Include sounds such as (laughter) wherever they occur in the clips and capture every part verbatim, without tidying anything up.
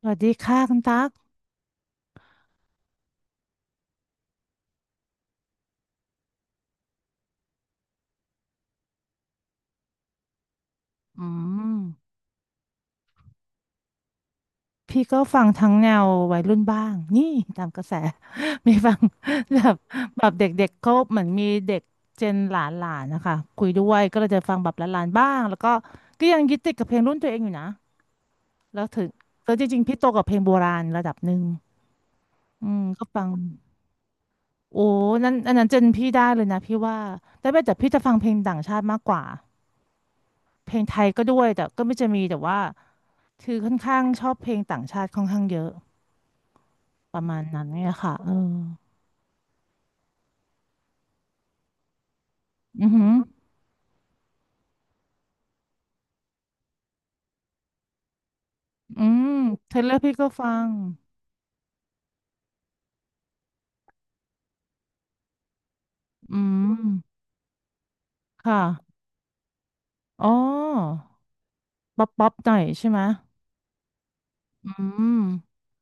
สวัสดีค่ะคุณตั๊กอืมพี่ก็ฟังทั้งแนววัยรุ่นบ้างนี่ตามกระแส (laughs) มีฟังแบบแบบเด็กๆเขาเหมือนมีเด็กเจนหลานๆนะคะคุยด้วยก็เลยจะฟังแบบหลานๆบ้างแล้วก็ก็ยังยึดติดกับเพลงรุ่นตัวเองอยู่นะแล้วถึงแล้วจริงๆพี่โตกับเพลงโบราณระดับหนึ่งอืมก็ฟังโอ้นั้นอันนั้นเจนพี่ได้เลยนะพี่ว่าแต่ไม่แต่พี่จะฟังเพลงต่างชาติมากกว่าเพลงไทยก็ด้วยแต่ก็ไม่จะมีแต่ว่า คือค่อนข้างชอบเพลงต่างชาติค่อนข้างเยอะประมาณนั้นเนี่ยค่ะเอออือหืออืมเทเลอร์พี่ก็ฟังอืมค่ะ อ๋อ ป๊อปป๊อปหน่อยใช่ไหมอืม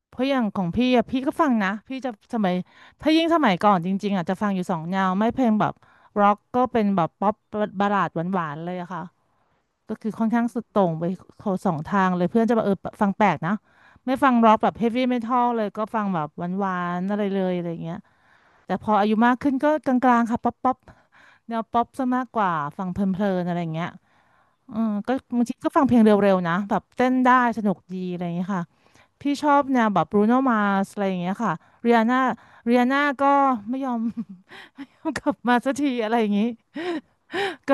เพราะอย่างของพี่อะพี่ก็ฟังนะพี่จะสมัยถ้ายิ่งสมัยก่อนจริ ก็คือค่อนข้างสุดโต่งไปขสองทางเลยเพื่อนจะแบบเออฟังแปลกนะไม่ฟังร็อกแบบเฮฟวี่เมทัลเลยก็ฟังแบบหวานๆอะไรเลยอะไรเงี้ยแต่พออายุมากขึ้นก็กลางๆค่ะป๊อปป๊อปแนวป๊อปซะมากกว่าฟังเพลินๆอะไรเงี้ยเอืก็บางทีก็ฟังเพลงเร็วๆนะแบบเต้นได้สนุกดีอะไรเงี้ยค่ะพี่ชอบแนวแบบบรูโนมาสอะไรอย่างเงี้ยค่ะเรียนาเรียนาก็ไม่ยอม (laughs) กลับมาสักทีอะไรอย่างงี้ก็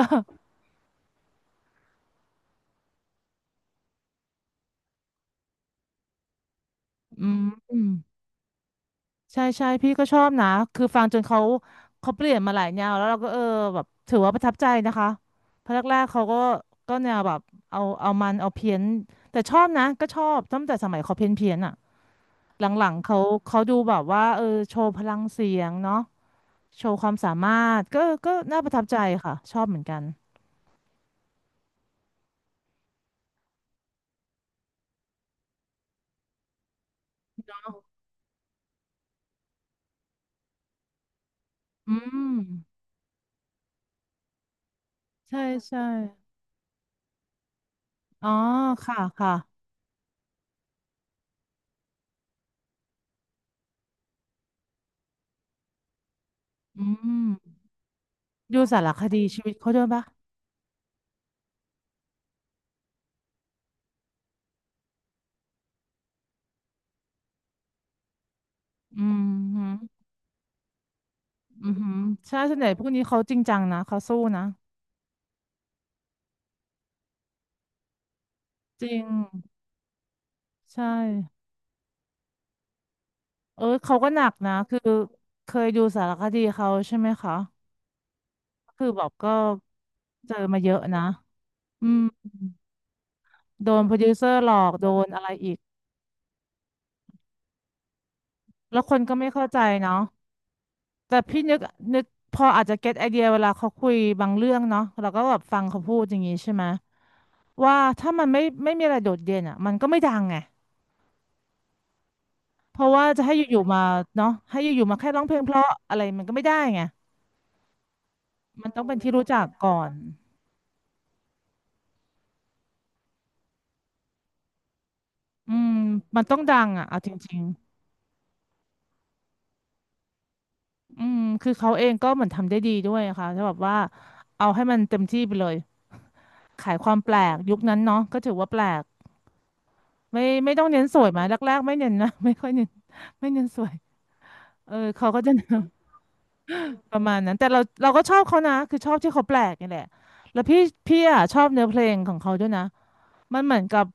อืม ใช่ใช่พี่ก็ชอบนะคือฟังจนเขาเขาเปลี่ยนมาหลายแนวแล้วเราก็เออแบบถือว่าประทับใจนะคะเพราะแรกๆเขาก็ก็แนวแบบเอาเอามันเอาเพี้ยนแต่ชอบนะก็ชอบตั้งแต่สมัยเขาเพี้ยนเพียนอ่ะหลังๆเขาเขาดูแบบว่าเออโชว์พลังเสียงเนาะโชว์ความสามารถก็ก็น่าประทับใจค่ะชอบเหมือนกันอืมใช่ใช่อ๋อค่ะค่ะอืมดูสารคดีชีวิตเขาด้วยปะอืม อือหือใช่ส่วนใหญ่พวกนี้เขาจริงจังนะเขาสู้นะจริงใช่เออเขาก็หนักนะคือเคยดูสารคดีเขาใช่ไหมคะคือแบบก็เจอมาเยอะนะอืมโดนโปรดิวเซอร์หลอกโดนอะไรอีกแล้วคนก็ไม่เข้าใจเนาะแต่พี่นึกนึกพออาจจะเก็ตไอเดียเวลาเขาคุยบางเรื่องเนาะเราก็แบบฟังเขาพูดอย่างนี้ใช่ไหมว่าถ้ามันไม่ไม่มีอะไรโดดเด่นอ่ะมันก็ไม่ดังไง เพราะว่าจะให้อยู่ๆมาเนาะให้อยู่ๆมาแค่ร้องเพลงเพราะอะไรมันก็ไม่ได้ไงมันต้องเป็นที่รู้จักก่อนอืมมันต้องดังอ่ะเอาจริงๆอืมคือเขาเองก็เหมือนทำได้ดีด้วยอะค่ะถ้าแบบว่าเอาให้มันเต็มที่ไปเลยขายความแปลกยุคนั้นเนาะก็ถือว่าแปลกไม่ไม่ต้องเน้นสวยมาแรกๆไม่เน้นนะ (laughs) ไม่ค่อยเน้นไม่เน้นสวยเออเขาก็จะ (laughs) ประมาณนั้นแต่เราเราก็ชอบเขานะคือชอบที่เขาแปลกนี่แหละแล้วพี่พี่อ่ะชอบเนื้อเพลงของเขาด้วยนะมันเหมือนกับ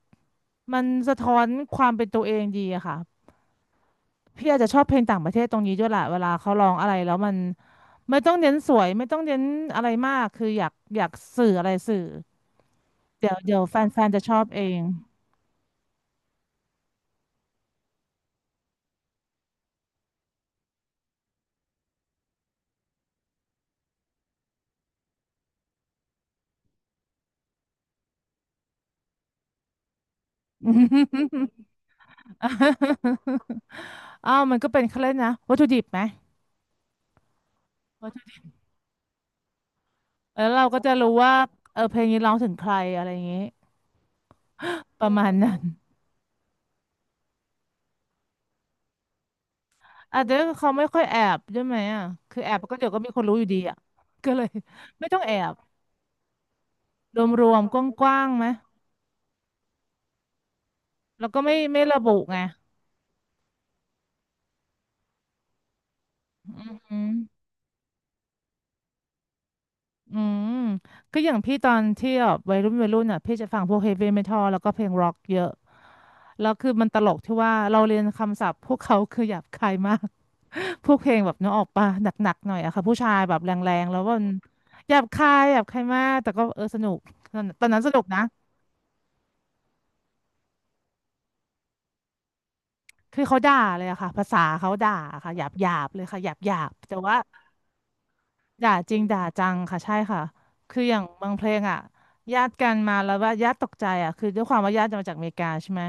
มันสะท้อนความเป็นตัวเองดีอะค่ะพี่อาจจะชอบเพลงต่างประเทศตรงนี้ด้วยแหละเวลาเขาร้องอะไรแล้วมันไม่ต้องเน้นสวยไม่ต้องเน้นอะไรมากคืออยากอยากสื่ออะไรสื่อเดี๋ยวเดี๋ยวแฟนแฟนจะชอบเอง (laughs) อ้าวมันก็เป็นเขาเล่นนะวัตถุดิบไหมวัตถุดิบแล้วเราก็จะรู้ว่าเออเพลงนี้ร้องถึงใครอะไรอย่างงี้ประมาณนั้น อ่ะเดี๋ยวเขาไม่ค่อยแอบใช่ไหมอ่ะคือแอบก็เดี๋ยวก็มีคนรู้อยู่ดีอ่ะ (laughs) ก็เลยไม่ต้องแอบรวมๆกว้างๆไหมแล้วก็ไม่ไม่ระบุไง อืม อืม ก็อย่างพี่ตอนที่แบบวัยรุ่นวัยรุ่นอ่ะพี่จะฟังพวกเฮฟวี่เมทัลแล้วก็เพลงร็อกเยอะแล้วคือมันตลกที่ว่าเราเรียนคำศัพท์พวกเขาคือหยาบคายมาก (laughs) พวกเพลงแบบนึกออกปะหนักๆหน่อยอะค่ะผู้ชายแบบแรงๆแล้วมันหยาบคายหยาบคายมากแต่ก็เออสนุกตอนนั้นสนุกนะ คือเขาด่าเลยอะค่ะภาษาเขาด่าค่ะหยาบหยาบเลยค่ะหยาบหยาบแต่ว่าด่าจริงด่าจังค่ะใช่ค่ะคืออย่างบางเพลงอะญาติกันมาแล้วว่าญาติตกใจอะคือด้วยความว่าญาติมาจากอเมริกาใช่ไหม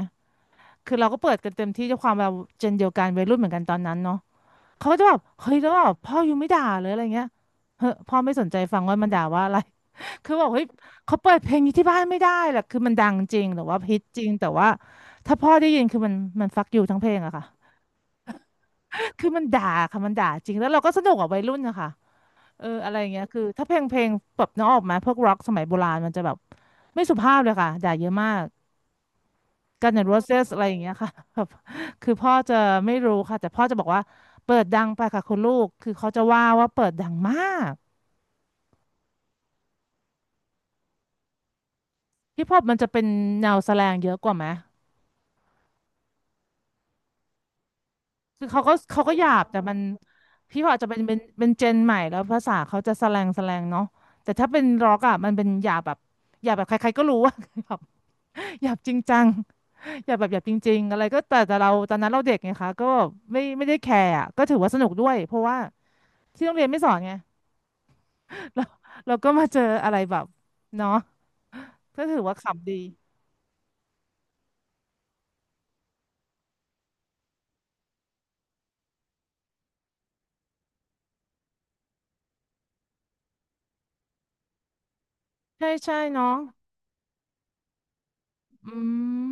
คือเราก็เปิดกันเต็มที่ด้วยความเราเจนเดียวกันวัยรุ่นเหมือนกันตอนนั้นเนาะเขาก็จะแบบเฮ้ยแล้วแบบพ่ออยู่ไม่ด่าเลยอะไรเงี้ยเฮ้ยพ่อไม่สนใจฟังว่ามันด่าว่าอะไร (laughs) คือบอกเฮ้ยเขาเปิดเพลงนี้ที่บ้านไม่ได้แหละคือมันดังจริงแต่ว่าฮิตจริงแต่ว่าถ้าพ่อได้ยินคือมันมันฟักอยู่ทั้งเพลงอะค่ะ คือมันด่าค่ะมันด่าจริงแล้วเราก็สนุกอ่ะวัยรุ่นนะคะเอออะไรอย่างเงี้ยคือถ้าเพลงเพลงแบบน้องออกมาพวกร็อกสมัยโบราณมันจะแบบไม่สุภาพเลยค่ะด่าเยอะมากกันอย่างโรเซสอะไรอย่างเงี้ยค่ะแบบคือพ่อจะไม่รู้ค่ะแต่พ่อจะบอกว่าเปิดดังไปค่ะคุณลูกคือเขาจะว่าว่าเปิดดังมากฮิปฮอปมันจะเป็นแนวแสแลงเยอะกว่าไหมคือเขาก็เขาก็หยาบแต่มันพี่พอปอาจจะเป็นเป็นเป็นเจนใหม่แล้วภาษาเขาจะแสแลงแสแลงเนาะแต่ถ้าเป็นร็อกอ่ะมันเป็นหยาบแบบหยาบแบบใครๆก็รู้ว่า (laughs) หยาบจริงจัง (laughs) หยาบแบบหยาบจริงๆอะไรก็แต่แต่เราตอนนั้นเราเด็กไงคะก็ไม่ไม่ได้แคร์อะก็ถือว่าสนุกด้วยเพราะว่าที่โรงเรียนไม่สอนไง (laughs) เราเราก็มาเจออะไรแบบเนาะก็ถือว่าขำดีใช่ใช่เนาะอืม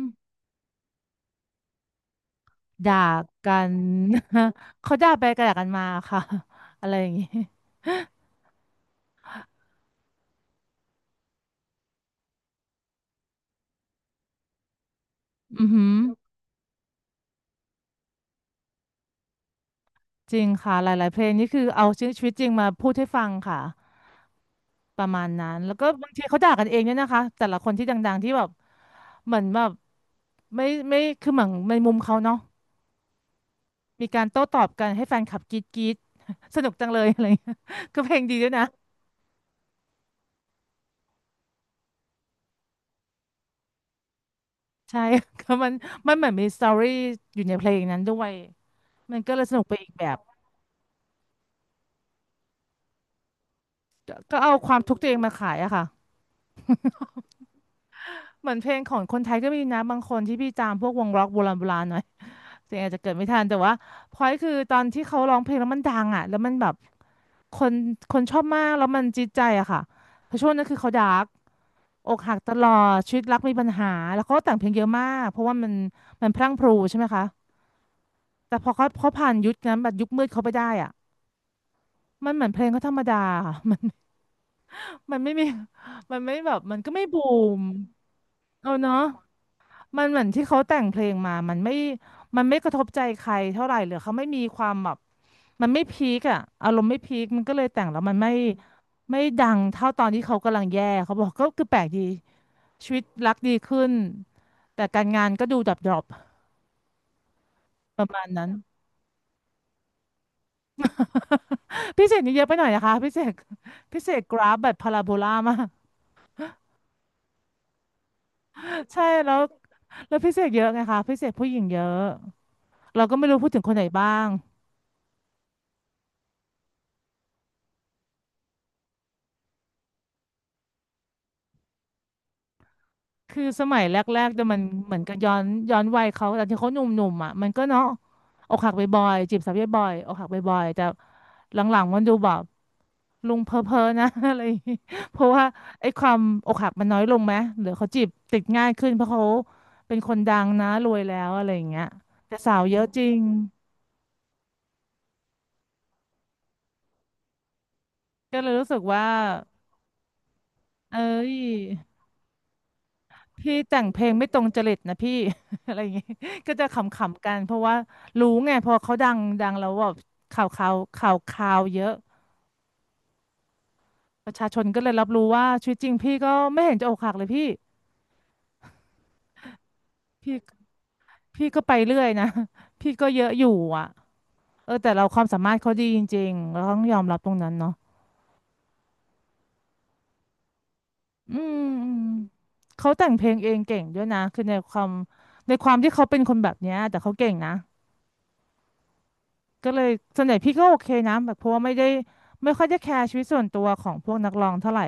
ด่ากัน (laughs) เขาด่าไปกระด่ากันมาค่ะ (laughs) อะไรอย่างงี้อือหือจริงค่ะหลายๆเพลงนี่คือเอาชีวิตจริงมาพูดให้ฟังค่ะ ประมาณนั้นแล้วก็บางทีเขาด่ากันเองเนี่ยนะคะแต่ละคนที่ดังๆที่แบบเหมือนแบบไม่ไม่คือเหมือนในมุมเขาเนาะมีการโต้ตอบกันให้แฟนคลับกรี๊ดกรี๊ด (laughs) สนุกจังเลยอะไรเงี้ยก็เพลงดีด้วยนะใช่ (laughs) ก็มันมันเหมือนมีสตอรี่อยู่ในเพลงนั้นด้วยมันก็เลยสนุกไปอีกแบบก็เอาความทุกข์ตัวเองมาขายอะค่ะเหมือนเพลงของคนไทยก็มีนะบางคนที่พี่ตามพวกวงร็อกโบราณโบราณหน่อย เสียงอาจจะเกิดไม่ทันแต่ว่าพอยคือตอนที่เขาร้องเพลงแล้วมันดังอ่ะแล้วมันแบบคนคนชอบมากแล้วมันจิตใจอะค่ะเพราะช่วงนั้นคือเขาดาร์กอกหักตลอดชีวิตรักมีปัญหาแล้วเขาก็แต่งเพลงเยอะมากเพราะว่ามันมันพรั่งพรูใช่ไหมคะแต่พอเขาเขาผ่านยุคนั้นแบบยุคมืดเขาไปได้อ่ะมันเหมือนเพลงเขาธรรมดา (laughs) ค่ะมันมันไม่มีมันไม่แบบมันก็ไม่บูมเอาเนาะ มันเหมือนที่เขาแต่งเพลงมามันไม่มันไม่กระทบใจใครเท่าไหร่หรือเขาไม่มีความแบบมันไม่พีคอะอารมณ์ไม่พีคมันก็เลยแต่งแล้วมันไม่ไม่ดังเท่าตอนที่เขากำลังแย่เขาบอกก็คือแปลกดีชีวิตรักดีขึ้นแต่การงานก็ดูดับดรอปประมาณนั้น (laughs) พิเศษนี่เยอะไปหน่อยนะคะพิเศษพิเศษกราฟแบบพาราโบลามาก (laughs) ใช่แล้วแล้วพิเศษเยอะไงคะพิเศษผู้หญิงเยอะเราก็ไม่รู้พูดถึงคนไหนบ้าง คือสมัยแรกๆแต่ยมันเหมือนกับย้อนย้อนวัยเขาแต่ที่เขาหนุ่มๆอ่ะมันก็เนาะอกหักบ่อยๆจีบสาวบ่อยๆอกหักบ่อยๆแต่หลังๆมันดูแบบลุงเพ้อเพ้อนะ (laughs) อะไรอย่างงี้เพราะว่าไอ้ความอกหักมันน้อยลงไหมหรือเขาจีบติดง่ายขึ้นเพราะเขาเป็นคนดังนะรวยแล้วอะไรอย่างเงี้ยแต่สาวเยอะจริงก็เลยรู้สึกว่าเอ้ย พี่แต่งเพลงไม่ตรงจริตนะพี่ (laughs) อะไรอย่างงี้ (laughs) ก็จะขำๆกันเพราะว่ารู้ไงพอเขาดังดังแล้วแบบข่าวข่าวข่าวข่าวเยอะประชาชนก็เลยรับรู้ว่าชีวิตจริงพี่ก็ไม่เห็นจะอกหักเลยพี่พี่พี่ก็ไปเรื่อยนะ (laughs) พี่ก็เยอะอยู่อ่ะเออแต่เราความสามารถเขาดีจริงๆเราต้องยอมรับตรงนั้นเนาะอืมอืมเขาแต่งเพลงเองเก่งด้วยนะคือในความในความที่เขาเป็นคนแบบเนี้ยแต่เขาเก่งนะ ก็เลยส่วนใหญ่พี่ก็โอเคนะแบบเพราะว่าไม่ได้ไม่ค่อยได้แคร์ชีวิตส่วนตัวของพวกนักร้องเท่าไหร่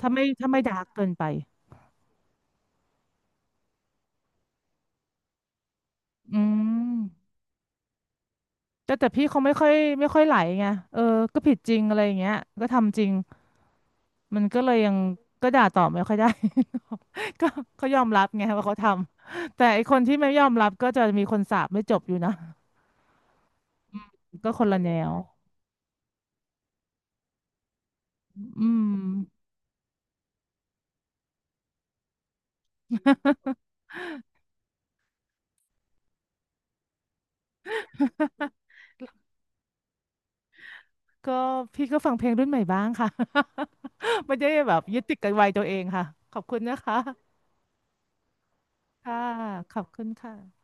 ถ้าไม่ถ้าไม่ดาร์กเกินไปอืมแต่แต่พี่เขาไม่ค่อยไม่ค่อยไหลไงเออก็ผิดจริงอะไรอย่างเงี้ยก็ทำจริงมันก็เลยยังก็ด่าตอบไม่ค่อยได้ (laughs) ก็เขายอมรับไงว่าเขาทำแต่ไอคนที่ไม่ยอมรับก็จะมีคนสาปไม่จบอยู่นะก็คนละแนวอืม (laughs) ก็พี่ก็ฟังเพลงรุ่นใหม่บ้างค่ะ (laughs) ไม่ได้แบบยึดติดกับวัยตัวเองค่ะขอบคุณนะคะค่ะขอบคุณค่ะ